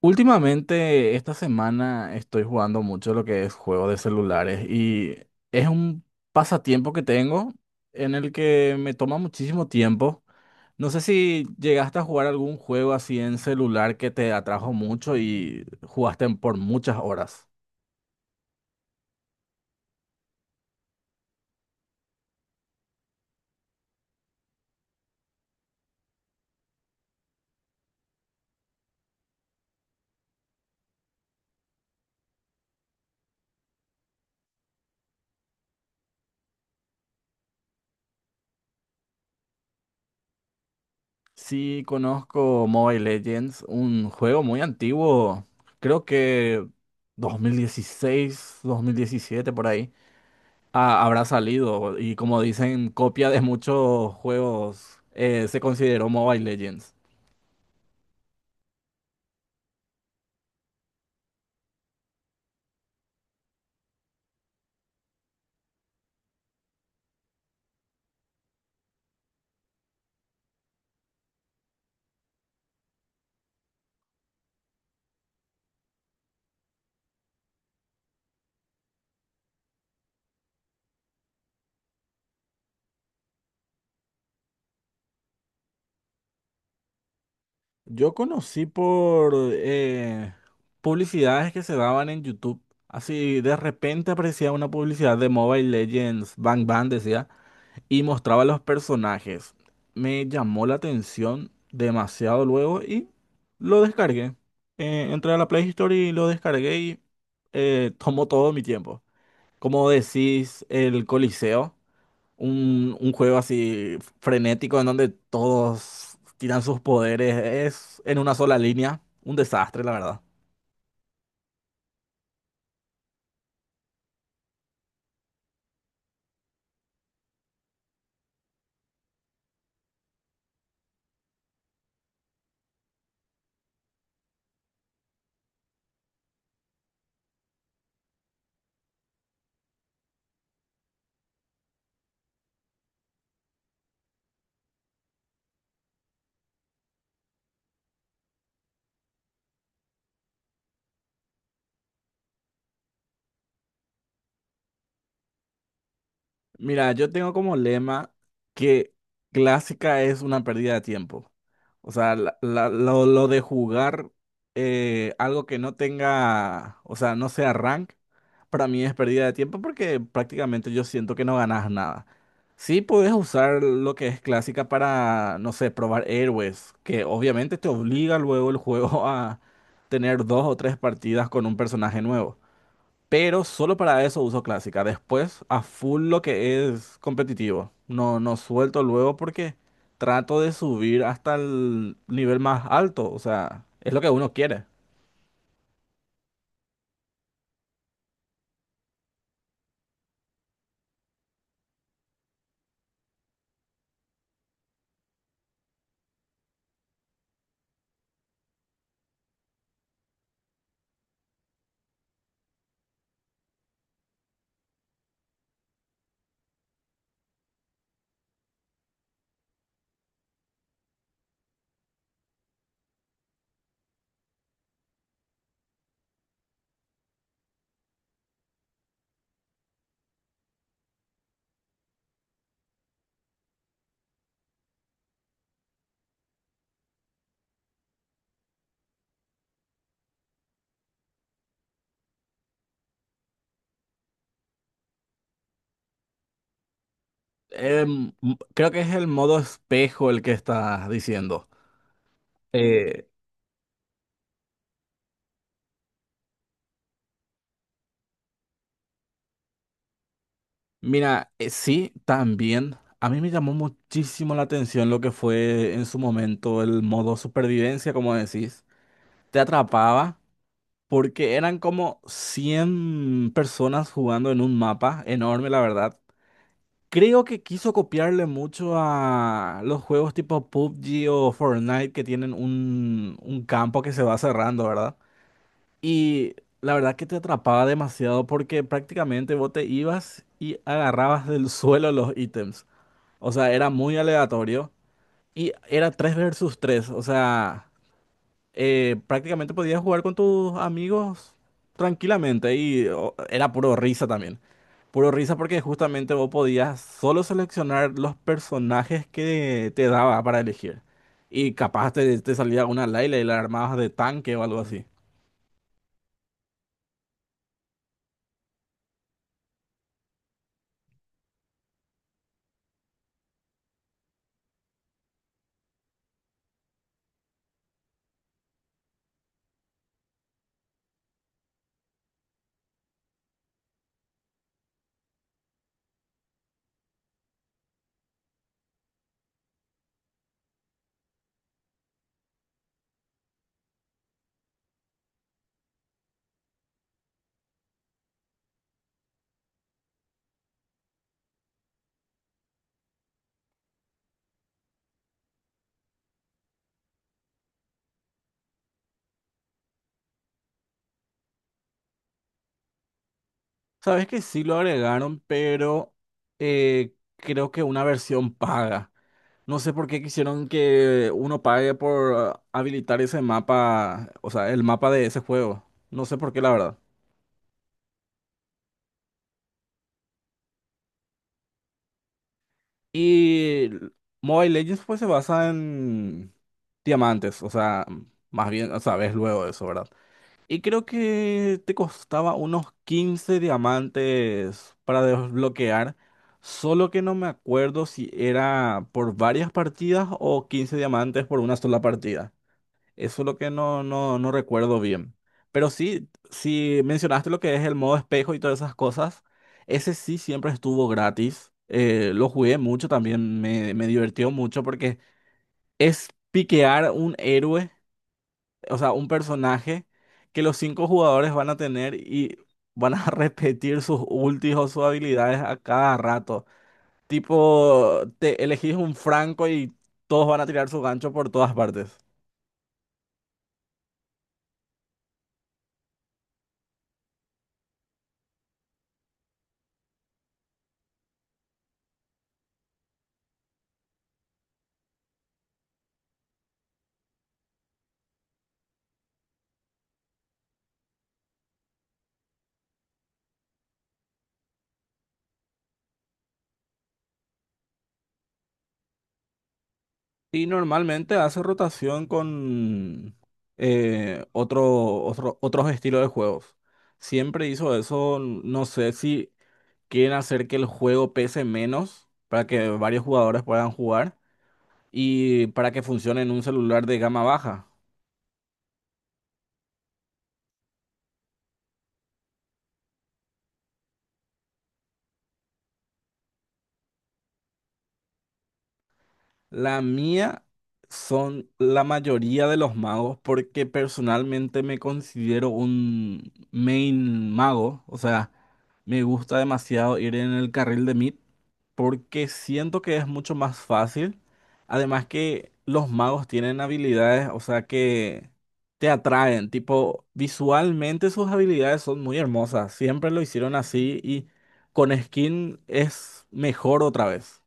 Últimamente, esta semana estoy jugando mucho lo que es juego de celulares y es un pasatiempo que tengo en el que me toma muchísimo tiempo. No sé si llegaste a jugar algún juego así en celular que te atrajo mucho y jugaste por muchas horas. Sí, conozco Mobile Legends, un juego muy antiguo, creo que dos mil dieciséis, 2017 por ahí. Ah, habrá salido y, como dicen, copia de muchos juegos, se consideró Mobile Legends. Yo conocí por publicidades que se daban en YouTube. Así de repente aparecía una publicidad de Mobile Legends, Bang Bang decía, y mostraba los personajes. Me llamó la atención demasiado luego y lo descargué. Entré a la Play Store y lo descargué y tomó todo mi tiempo. Como decís, el Coliseo. Un juego así frenético en donde todos tiran sus poderes. Es en una sola línea. Un desastre, la verdad. Mira, yo tengo como lema que clásica es una pérdida de tiempo. O sea, lo de jugar algo que no tenga, o sea, no sea rank, para mí es pérdida de tiempo porque prácticamente yo siento que no ganas nada. Sí puedes usar lo que es clásica para, no sé, probar héroes, que obviamente te obliga luego el juego a tener dos o tres partidas con un personaje nuevo, pero solo para eso uso clásica. Después, a full lo que es competitivo. No, no suelto luego porque trato de subir hasta el nivel más alto. O sea, es lo que uno quiere. Creo que es el modo espejo el que estás diciendo. Eh, mira, sí, también. A mí me llamó muchísimo la atención lo que fue en su momento el modo supervivencia, como decís. Te atrapaba, porque eran como 100 personas jugando en un mapa enorme, la verdad. Creo que quiso copiarle mucho a los juegos tipo PUBG o Fortnite, que tienen un campo que se va cerrando, ¿verdad? Y la verdad que te atrapaba demasiado porque prácticamente vos te ibas y agarrabas del suelo los ítems. O sea, era muy aleatorio y era 3 versus 3. O sea, prácticamente podías jugar con tus amigos tranquilamente y, o, era puro risa también. Puro risa porque justamente vos podías solo seleccionar los personajes que te daba para elegir. Y capaz te salía una Layla y la armabas de tanque o algo así. Sabes que sí lo agregaron, pero creo que una versión paga. No sé por qué quisieron que uno pague por ah, habilitar ese mapa, o sea, el mapa de ese juego. No sé por qué, la verdad. Y Mobile Legends pues se basa en diamantes, o sea, más bien, o sea, ves luego eso, ¿verdad? Y creo que te costaba unos 15 diamantes para desbloquear, solo que no me acuerdo si era por varias partidas o 15 diamantes por una sola partida. Eso es lo que no recuerdo bien. Pero sí, si mencionaste lo que es el modo espejo y todas esas cosas, ese sí siempre estuvo gratis. Lo jugué mucho también, me divirtió mucho porque es piquear un héroe, o sea, un personaje que los 5 jugadores van a tener y van a repetir sus ultis o sus habilidades a cada rato. Tipo, te elegís un Franco y todos van a tirar su gancho por todas partes. Y normalmente hace rotación con otros estilos de juegos. Siempre hizo eso, n- no sé si quieren hacer que el juego pese menos para que varios jugadores puedan jugar y para que funcione en un celular de gama baja. La mía son la mayoría de los magos porque personalmente me considero un main mago, o sea, me gusta demasiado ir en el carril de mid porque siento que es mucho más fácil. Además que los magos tienen habilidades, o sea, que te atraen, tipo, visualmente sus habilidades son muy hermosas, siempre lo hicieron así y con skin es mejor otra vez.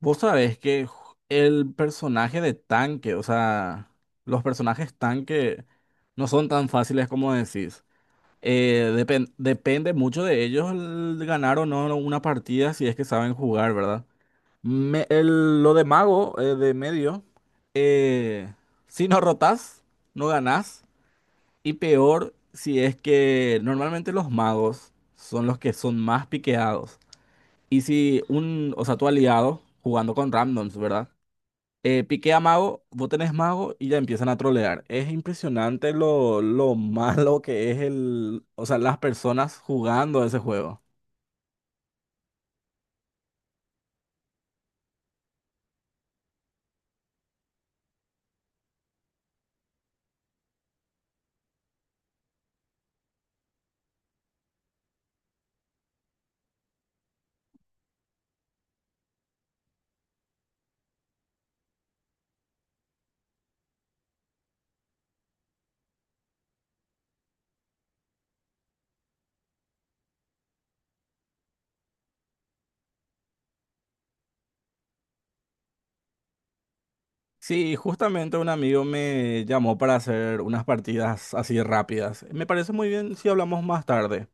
Vos sabés que ju- el personaje de tanque, o sea, los personajes tanque no son tan fáciles como decís. Depen- depende mucho de ellos el ganar o no una partida si es que saben jugar, ¿verdad? Me- el- lo de mago, de medio, eh, si no rotas, no ganás. Y peor si es que normalmente los magos son los que son más piqueados. Y si un, o sea, tu aliado jugando con randoms, ¿verdad? Piqué a mago, vos tenés mago y ya empiezan a trolear. Es impresionante lo malo que es el, o sea, las personas jugando ese juego. Sí, justamente un amigo me llamó para hacer unas partidas así rápidas. Me parece muy bien si hablamos más tarde.